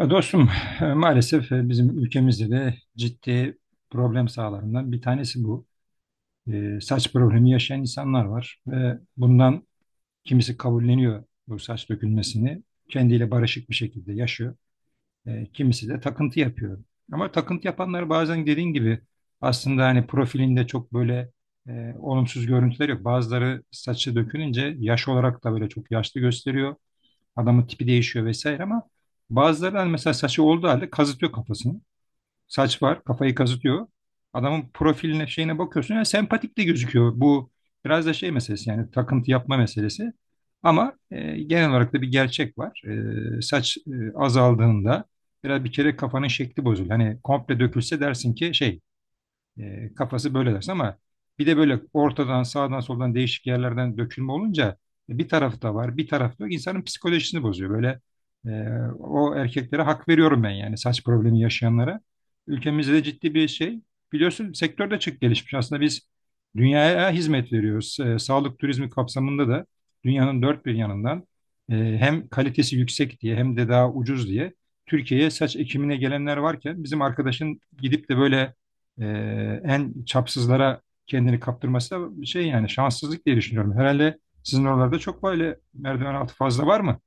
Ya dostum, maalesef bizim ülkemizde de ciddi problem sahalarından bir tanesi bu. E, saç problemi yaşayan insanlar var ve bundan kimisi kabulleniyor bu saç dökülmesini, kendiyle barışık bir şekilde yaşıyor. E, kimisi de takıntı yapıyor. Ama takıntı yapanlar bazen dediğin gibi aslında hani profilinde çok böyle olumsuz görüntüler yok. Bazıları saçı dökülünce yaş olarak da böyle çok yaşlı gösteriyor. Adamın tipi değişiyor vesaire ama bazıları hani mesela saçı olduğu halde kazıtıyor kafasını. Saç var, kafayı kazıtıyor. Adamın profiline, şeyine bakıyorsun ya sempatik de gözüküyor. Bu biraz da şey meselesi, yani takıntı yapma meselesi. Ama genel olarak da bir gerçek var. E, saç azaldığında biraz bir kere kafanın şekli bozuluyor. Hani komple dökülse dersin ki şey, kafası böyle dersin, ama bir de böyle ortadan sağdan soldan değişik yerlerden dökülme olunca bir tarafı da var, bir tarafı da yok. İnsanın psikolojisini bozuyor. Böyle e, o erkeklere hak veriyorum ben, yani saç problemi yaşayanlara. Ülkemizde de ciddi bir şey. Biliyorsun, sektörde çok gelişmiş. Aslında biz dünyaya hizmet veriyoruz. E, sağlık turizmi kapsamında da dünyanın dört bir yanından hem kalitesi yüksek diye hem de daha ucuz diye Türkiye'ye saç ekimine gelenler varken bizim arkadaşın gidip de böyle e, en çapsızlara kendini kaptırması da şey, yani şanssızlık diye düşünüyorum. Herhalde sizin oralarda çok böyle merdiven altı fazla var mı?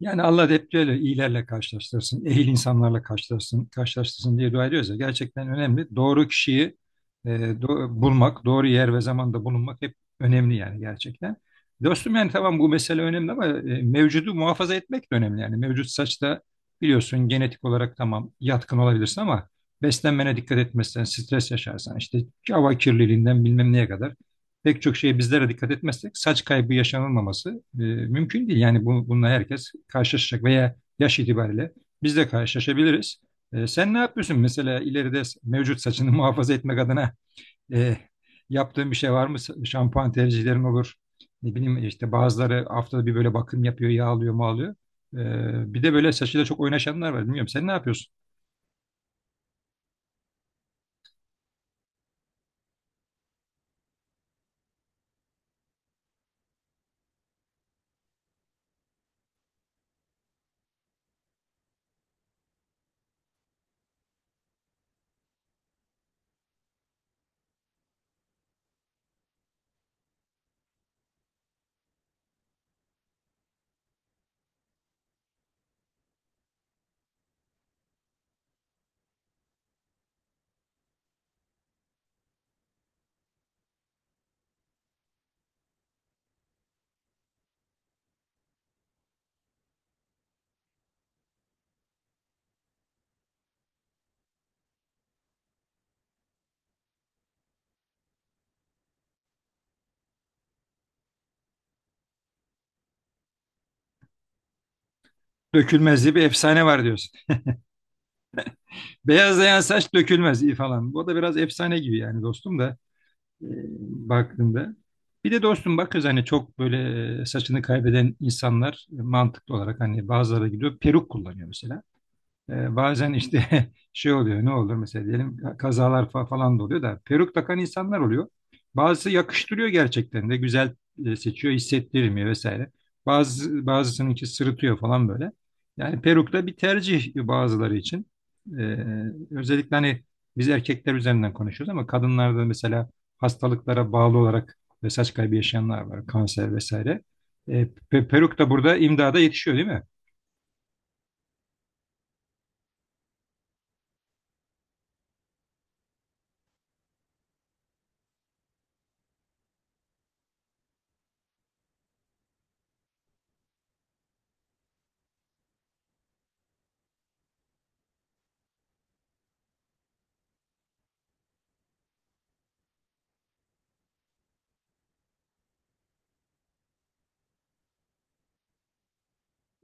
Yani Allah da hep böyle iyilerle karşılaştırsın, ehil insanlarla karşılaştırsın, karşılaştırsın diye dua ediyoruz ya, gerçekten önemli. Doğru kişiyi bulmak, doğru yer ve zamanda bulunmak hep önemli yani, gerçekten. Dostum yani tamam, bu mesele önemli ama mevcudu muhafaza etmek de önemli yani. Mevcut saçta biliyorsun genetik olarak tamam yatkın olabilirsin, ama beslenmene dikkat etmezsen, stres yaşarsan, işte hava kirliliğinden bilmem neye kadar pek çok şeye bizlere dikkat etmezsek saç kaybı yaşanılmaması mümkün değil. Yani bununla herkes karşılaşacak veya yaş itibariyle biz de karşılaşabiliriz. E, sen ne yapıyorsun mesela ileride, mevcut saçını muhafaza etmek adına e, yaptığın bir şey var mı? Şampuan tercihlerin olur. Ne bileyim, işte bazıları haftada bir böyle bakım yapıyor, yağlıyor, mağlıyor. E, bir de böyle saçıyla çok oynaşanlar var. Bilmiyorum, sen ne yapıyorsun? Dökülmez diye bir efsane var diyorsun. Beyazlayan saç dökülmez iyi falan. Bu da biraz efsane gibi yani dostum da. e, baktığında. Bir de dostum bak kız, hani çok böyle saçını kaybeden insanlar mantıklı olarak hani bazıları gidiyor peruk kullanıyor mesela. Bazen işte şey oluyor, ne olur mesela diyelim, kazalar falan da oluyor da peruk takan insanlar oluyor. Bazısı yakıştırıyor, gerçekten de güzel seçiyor, hissettirmiyor vesaire. Bazısınınki sırıtıyor falan böyle. Yani peruk da bir tercih bazıları için. Ee, Özellikle hani biz erkekler üzerinden konuşuyoruz ama kadınlarda mesela hastalıklara bağlı olarak ve saç kaybı yaşayanlar var, kanser vesaire. Peruk da burada imdada yetişiyor, değil mi?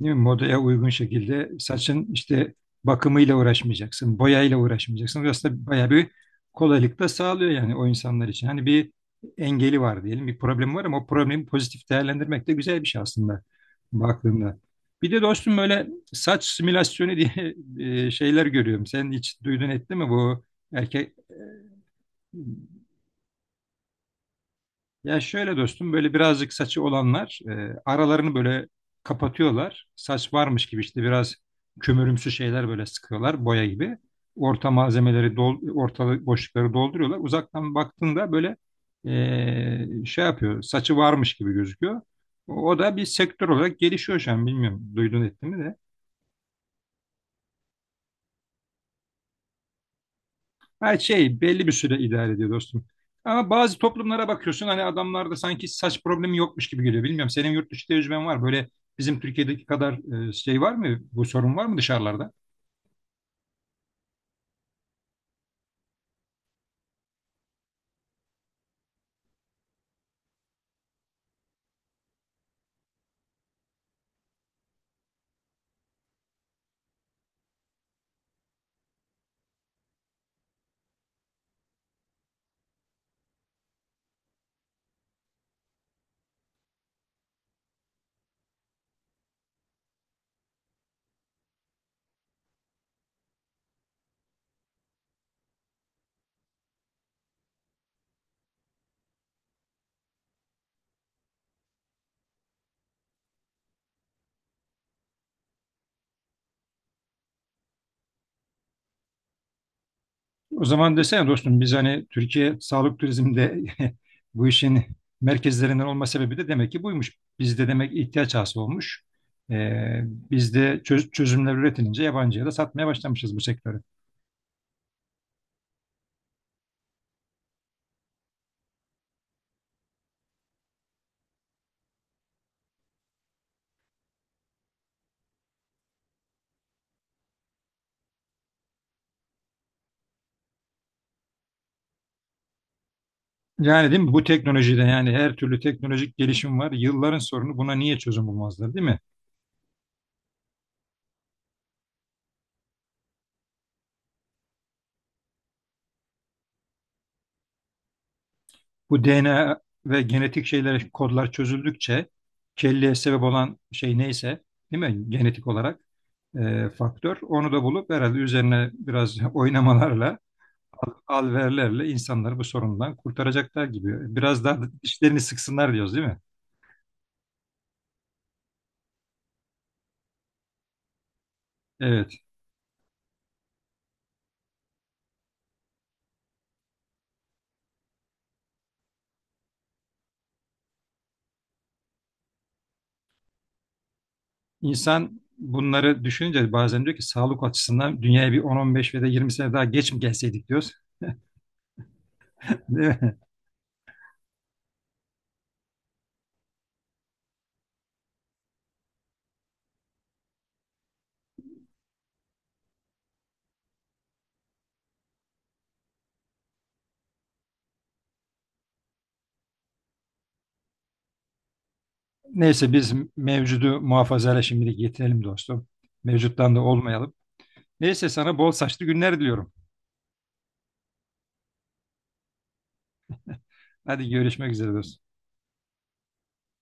Değil mi? Modaya uygun şekilde saçın işte bakımıyla uğraşmayacaksın, boyayla uğraşmayacaksın. Burası da bayağı bir kolaylık da sağlıyor yani o insanlar için. Hani bir engeli var diyelim, bir problem var ama o problemi pozitif değerlendirmek de güzel bir şey aslında baktığında. Bir de dostum böyle saç simülasyonu diye şeyler görüyorum. Sen hiç duydun ettin mi bu erkek? e, Ya şöyle dostum, böyle birazcık saçı olanlar aralarını böyle kapatıyorlar. Saç varmış gibi, işte biraz kömürümsü şeyler böyle sıkıyorlar boya gibi. Ortalık boşlukları dolduruyorlar. Uzaktan baktığında böyle şey yapıyor, saçı varmış gibi gözüküyor. O da bir sektör olarak gelişiyor şu an, bilmiyorum duydun ettin mi de. Ha, şey belli bir süre idare ediyor dostum. Ama bazı toplumlara bakıyorsun hani, adamlarda sanki saç problemi yokmuş gibi geliyor. Bilmiyorum, senin yurt dışı tecrüben var. Böyle bizim Türkiye'deki kadar şey var mı? Bu sorun var mı dışarılarda? O zaman desene dostum, biz hani Türkiye sağlık turizmde bu işin merkezlerinden olma sebebi de demek ki buymuş. Bizde demek ihtiyaç hasıl olmuş. E, bizde çözümler üretilince yabancıya da satmaya başlamışız bu sektörü. Yani değil mi? Bu teknolojide yani her türlü teknolojik gelişim var. Yılların sorunu, buna niye çözüm bulmazlar değil mi? Bu DNA ve genetik şeyler, kodlar çözüldükçe kelleye sebep olan şey neyse, değil mi? Genetik olarak faktör. Onu da bulup herhalde üzerine biraz oynamalarla, alverlerle insanları bu sorundan kurtaracaklar gibi. Biraz daha dişlerini sıksınlar diyoruz, değil mi? Evet. İnsan bunları düşününce bazen diyor ki, sağlık açısından dünyaya bir 10-15 ve de 20 sene daha geç mi gelseydik diyoruz. Neyse, biz mevcudu muhafazayla şimdilik yetinelim dostum. Mevcuttan da olmayalım. Neyse, sana bol saçlı günler diliyorum. Hadi görüşmek üzere dostum.